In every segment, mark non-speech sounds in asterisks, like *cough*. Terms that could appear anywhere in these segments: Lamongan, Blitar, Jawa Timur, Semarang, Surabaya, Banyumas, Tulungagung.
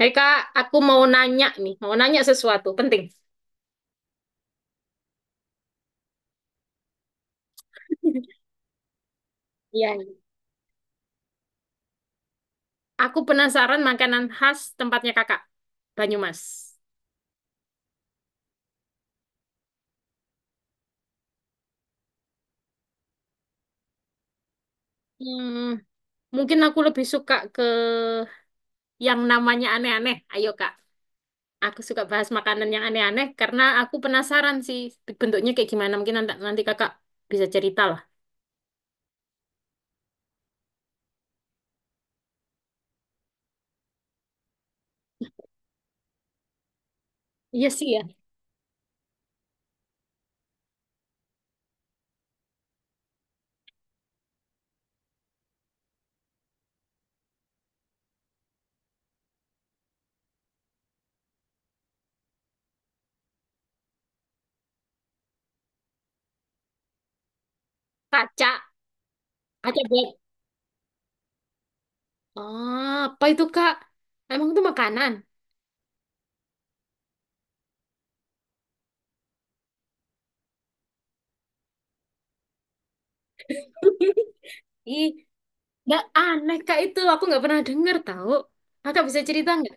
Hei Kak, aku mau nanya nih, mau nanya sesuatu penting. *laughs* Iya, iya. Aku penasaran makanan khas tempatnya Kakak, Banyumas. Hmm, Mungkin aku lebih suka ke yang namanya aneh-aneh. Ayo Kak, aku suka bahas makanan yang aneh-aneh karena aku penasaran sih bentuknya kayak gimana. Mungkin nanti Kakak bisa cerita lah. Iya sih ya. Kaca, kaca black. Ah, apa itu Kak? Emang itu makanan? *laughs* Ih, nggak aneh kak itu, aku nggak pernah dengar tahu. Kakak bisa cerita nggak?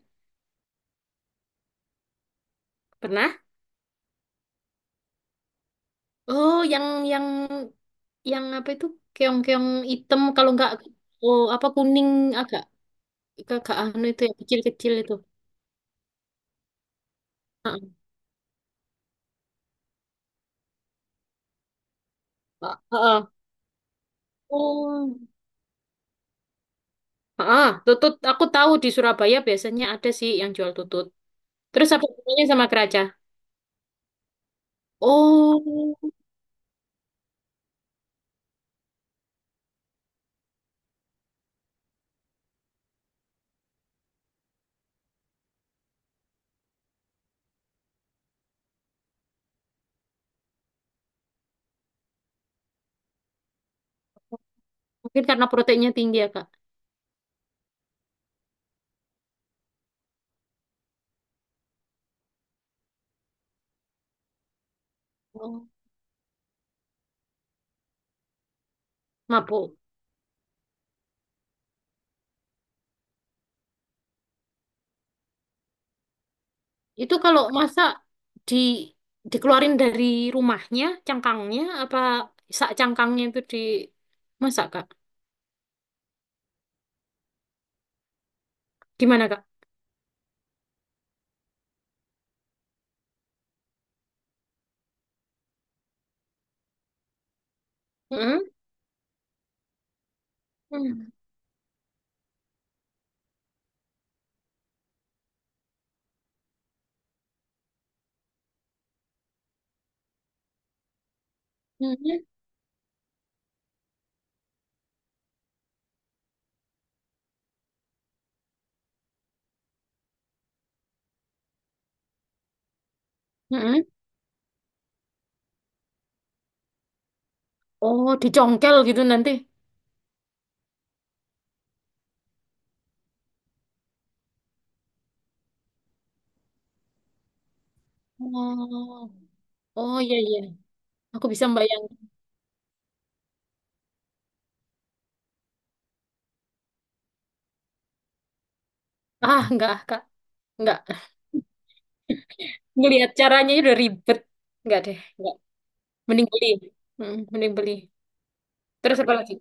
Pernah? Oh, yang yang apa itu? Keong-keong hitam kalau nggak oh apa kuning agak agak anu itu yang kecil-kecil itu. Heeh. Heeh. Oh. Heeh, tutut aku tahu di Surabaya biasanya ada sih yang jual tutut. Terus apa bedanya sama keraca? Oh, mungkin karena proteinnya tinggi ya, Kak. Oh, mabuk. Itu kalau masa di dikeluarin dari rumahnya, cangkangnya, apa sak cangkangnya itu di masak, Kak? Gimana, Kak? Mm-mm. Mm. Mm-mm. Mm-mm. Oh, dicongkel gitu nanti. Oh, oh iya iya. Aku bisa bayangin. Ah, enggak, Kak. Enggak. Ngelihat caranya aja udah ribet. Enggak deh, enggak. Mending beli. Mm, mending beli. Terus apa lagi?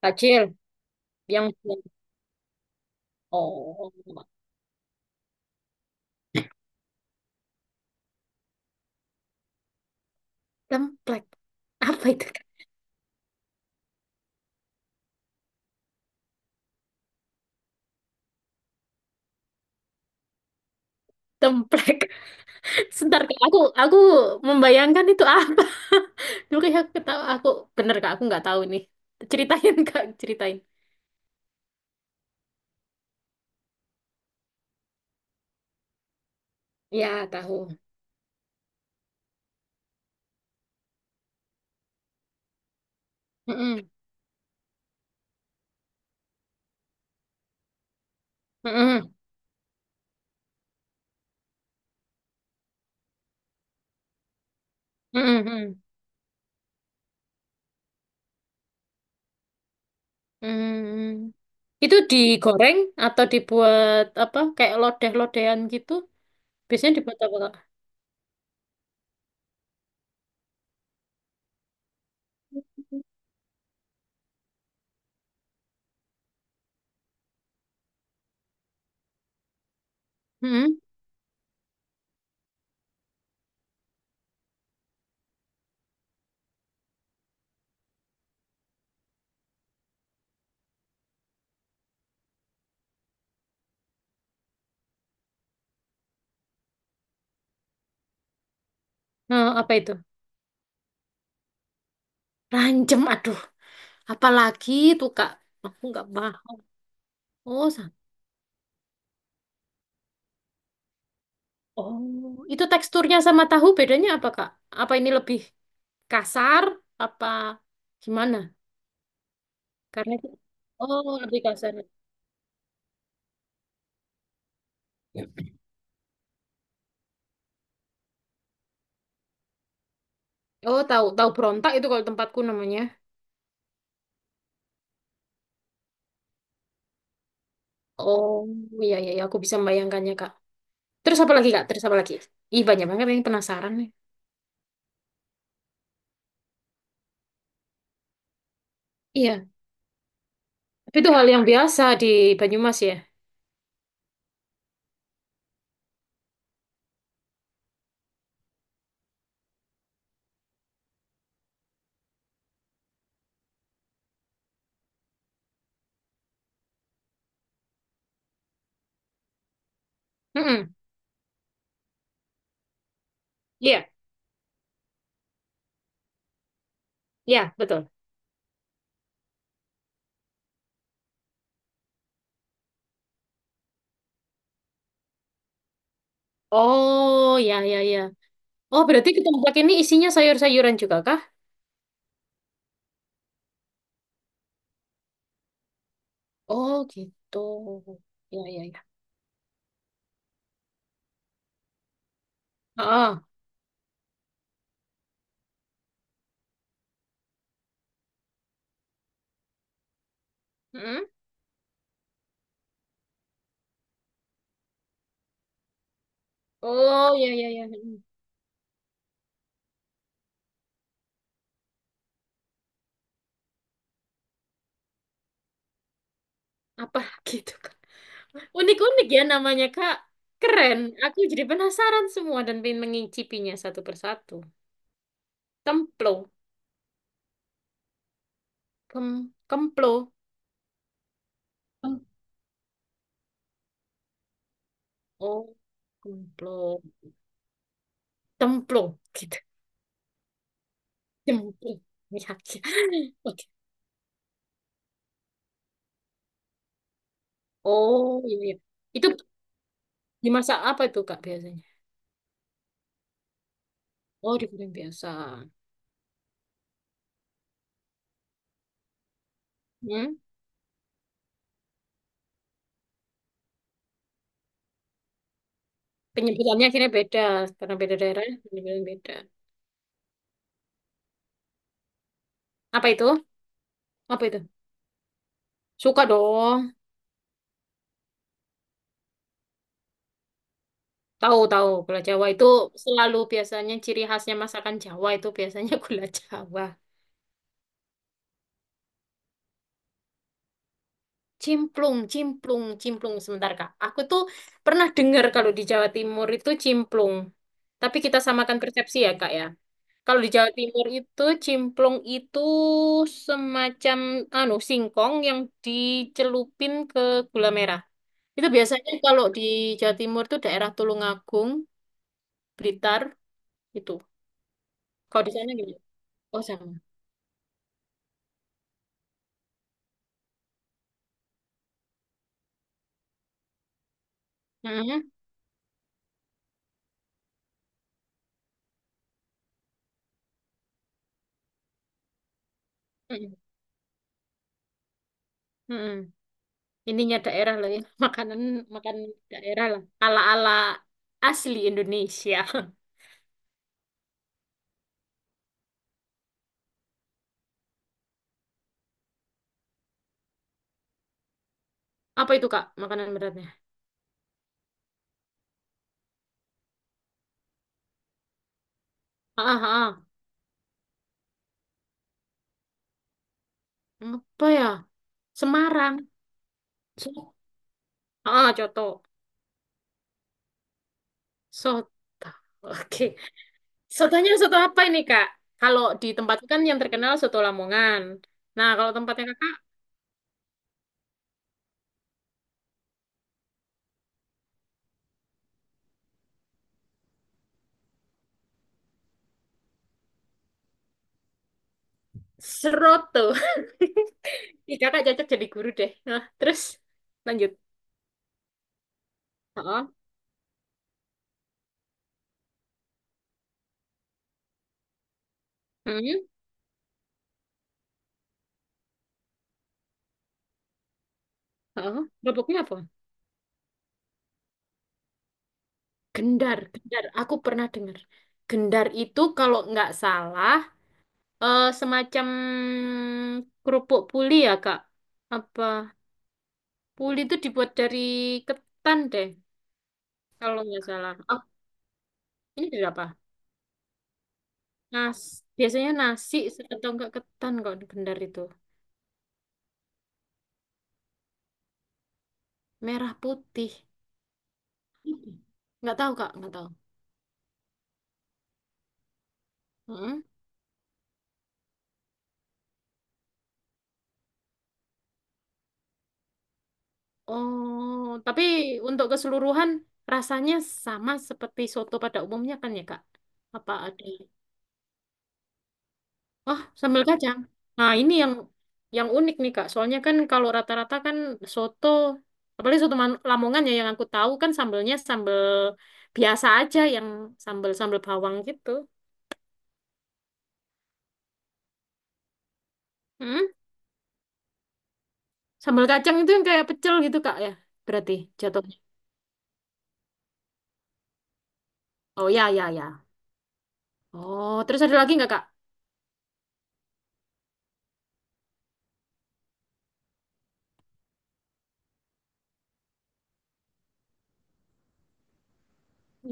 Tajil yang oh, templek. Apa itu, Kak? Templek. Sebentar Kak, aku membayangkan itu apa. *laughs* Dulu kayak aku ketawa, aku bener Kak, aku nggak tahu nih. Ceritain Kak, ceritain. Ya, tahu. Mm-mm. Mm-mm. Mm-mm. Mm. Itu digoreng atau dibuat apa? Kayak lodeh-lodehan gitu. Biasanya dibuat apa Kak? Mm-mm. Nah, apa itu? Rancem, aduh. Apalagi tuh Kak. Aku nggak paham. Oh, sa- oh, itu teksturnya sama tahu bedanya apa Kak? Apa ini lebih kasar apa gimana? Karena itu- oh lebih kasar. Oh, tahu tahu berontak itu kalau tempatku namanya. Oh iya iya iya, aku bisa membayangkannya kak. Terus apa lagi kak? Terus apa lagi? Ih banyak banget ini penasaran nih. Iya, tapi itu hal yang biasa di Banyumas ya. Mm-mm. Iya iya betul. Oh iya iya iya. Oh berarti ke tempat ini isinya sayur-sayuran juga kak. Oh gitu. Iya iya iya. Ah, ah. Mm-mm. Oh iya iya iya. Mm. Apa *laughs* gitu kak? Unik-unik ya namanya, Kak. Keren. Aku jadi penasaran semua dan pengen mengicipinya satu persatu. Templo. Kem, kemplo. Kem, oh, kemplo. Templo. Gitu. Templo. Ya, ya. Oke. Oh, iya, iya. Itu dimasak apa itu, Kak, biasanya? Oh, digoreng biasa. Hmm? Penyebutannya akhirnya beda. Karena beda daerah, penyebutan beda. Apa itu? Apa itu? Suka dong. Tahu tahu gula Jawa itu selalu biasanya ciri khasnya masakan Jawa itu biasanya *laughs* gula Jawa. Cimplung, sebentar Kak. Aku tuh pernah dengar kalau di Jawa Timur itu cimplung. Tapi kita samakan persepsi ya Kak ya. Kalau di Jawa Timur itu cimplung itu semacam anu singkong yang dicelupin ke gula merah. Itu biasanya kalau di Jawa Timur itu daerah Tulungagung, Blitar itu. Kalau di sana gimana? Oh sama. Mhm. Mhm. Mm-mm. Ininya daerah lah ya. *laughs* Makanan makan daerah lah. Ala-ala asli Indonesia. *laughs* Apa itu, Kak? Makanan beratnya. Ah, ah, ah. Apa ya? Semarang. So- ah, coto. Soto. *laughs* Oke. Sotonya soto apa ini, Kak? Kalau di tempat kan yang terkenal soto Lamongan. Nah, kalau tempatnya Kakak seroto. *laughs* Ih, Kakak cocok jadi guru deh. Nah, terus lanjut. Ah ah. Hmm. Ah ah. Kerupuknya apa? Gendar, gendar. Aku pernah dengar. Gendar itu kalau nggak salah eh, semacam kerupuk puli ya, Kak. Apa? Puli itu dibuat dari ketan deh, kalau nggak salah. Oh, ini dari apa? Nas. Biasanya nasi atau nggak ketan kok gendar itu. Merah putih. Nggak tahu, Kak. Nggak tahu. Mm-mm. Oh, tapi untuk keseluruhan rasanya sama seperti soto pada umumnya kan ya, Kak? Apa ada? Oh, sambal kacang. Nah, ini yang unik nih, Kak. Soalnya kan kalau rata-rata kan soto, apalagi soto Man- Lamongan ya yang aku tahu kan sambelnya sambel biasa aja yang sambel-sambel bawang gitu. Hmm? Sambal kacang itu yang kayak pecel gitu, Kak, ya. Berarti jatuhnya. Oh, ya, ya, ya. Oh, terus ada lagi nggak, Kak?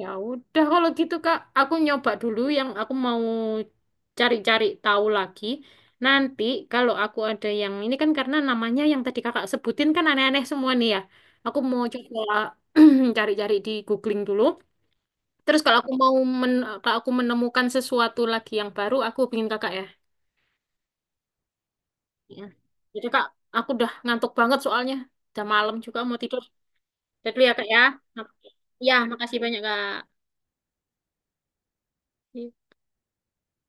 Ya udah kalau gitu Kak, aku nyoba dulu yang aku mau cari-cari tahu lagi. Nanti kalau aku ada yang ini kan karena namanya yang tadi Kakak sebutin kan aneh-aneh semua nih ya. Aku mau coba *clears throat* cari-cari di googling dulu. Terus kalau aku mau men kalau aku menemukan sesuatu lagi yang baru, aku hubungin Kakak ya. Ya. Jadi Kak, aku udah ngantuk banget soalnya. Udah malam juga mau tidur. Jadi ya Kak ya. Ya, makasih banyak Kak.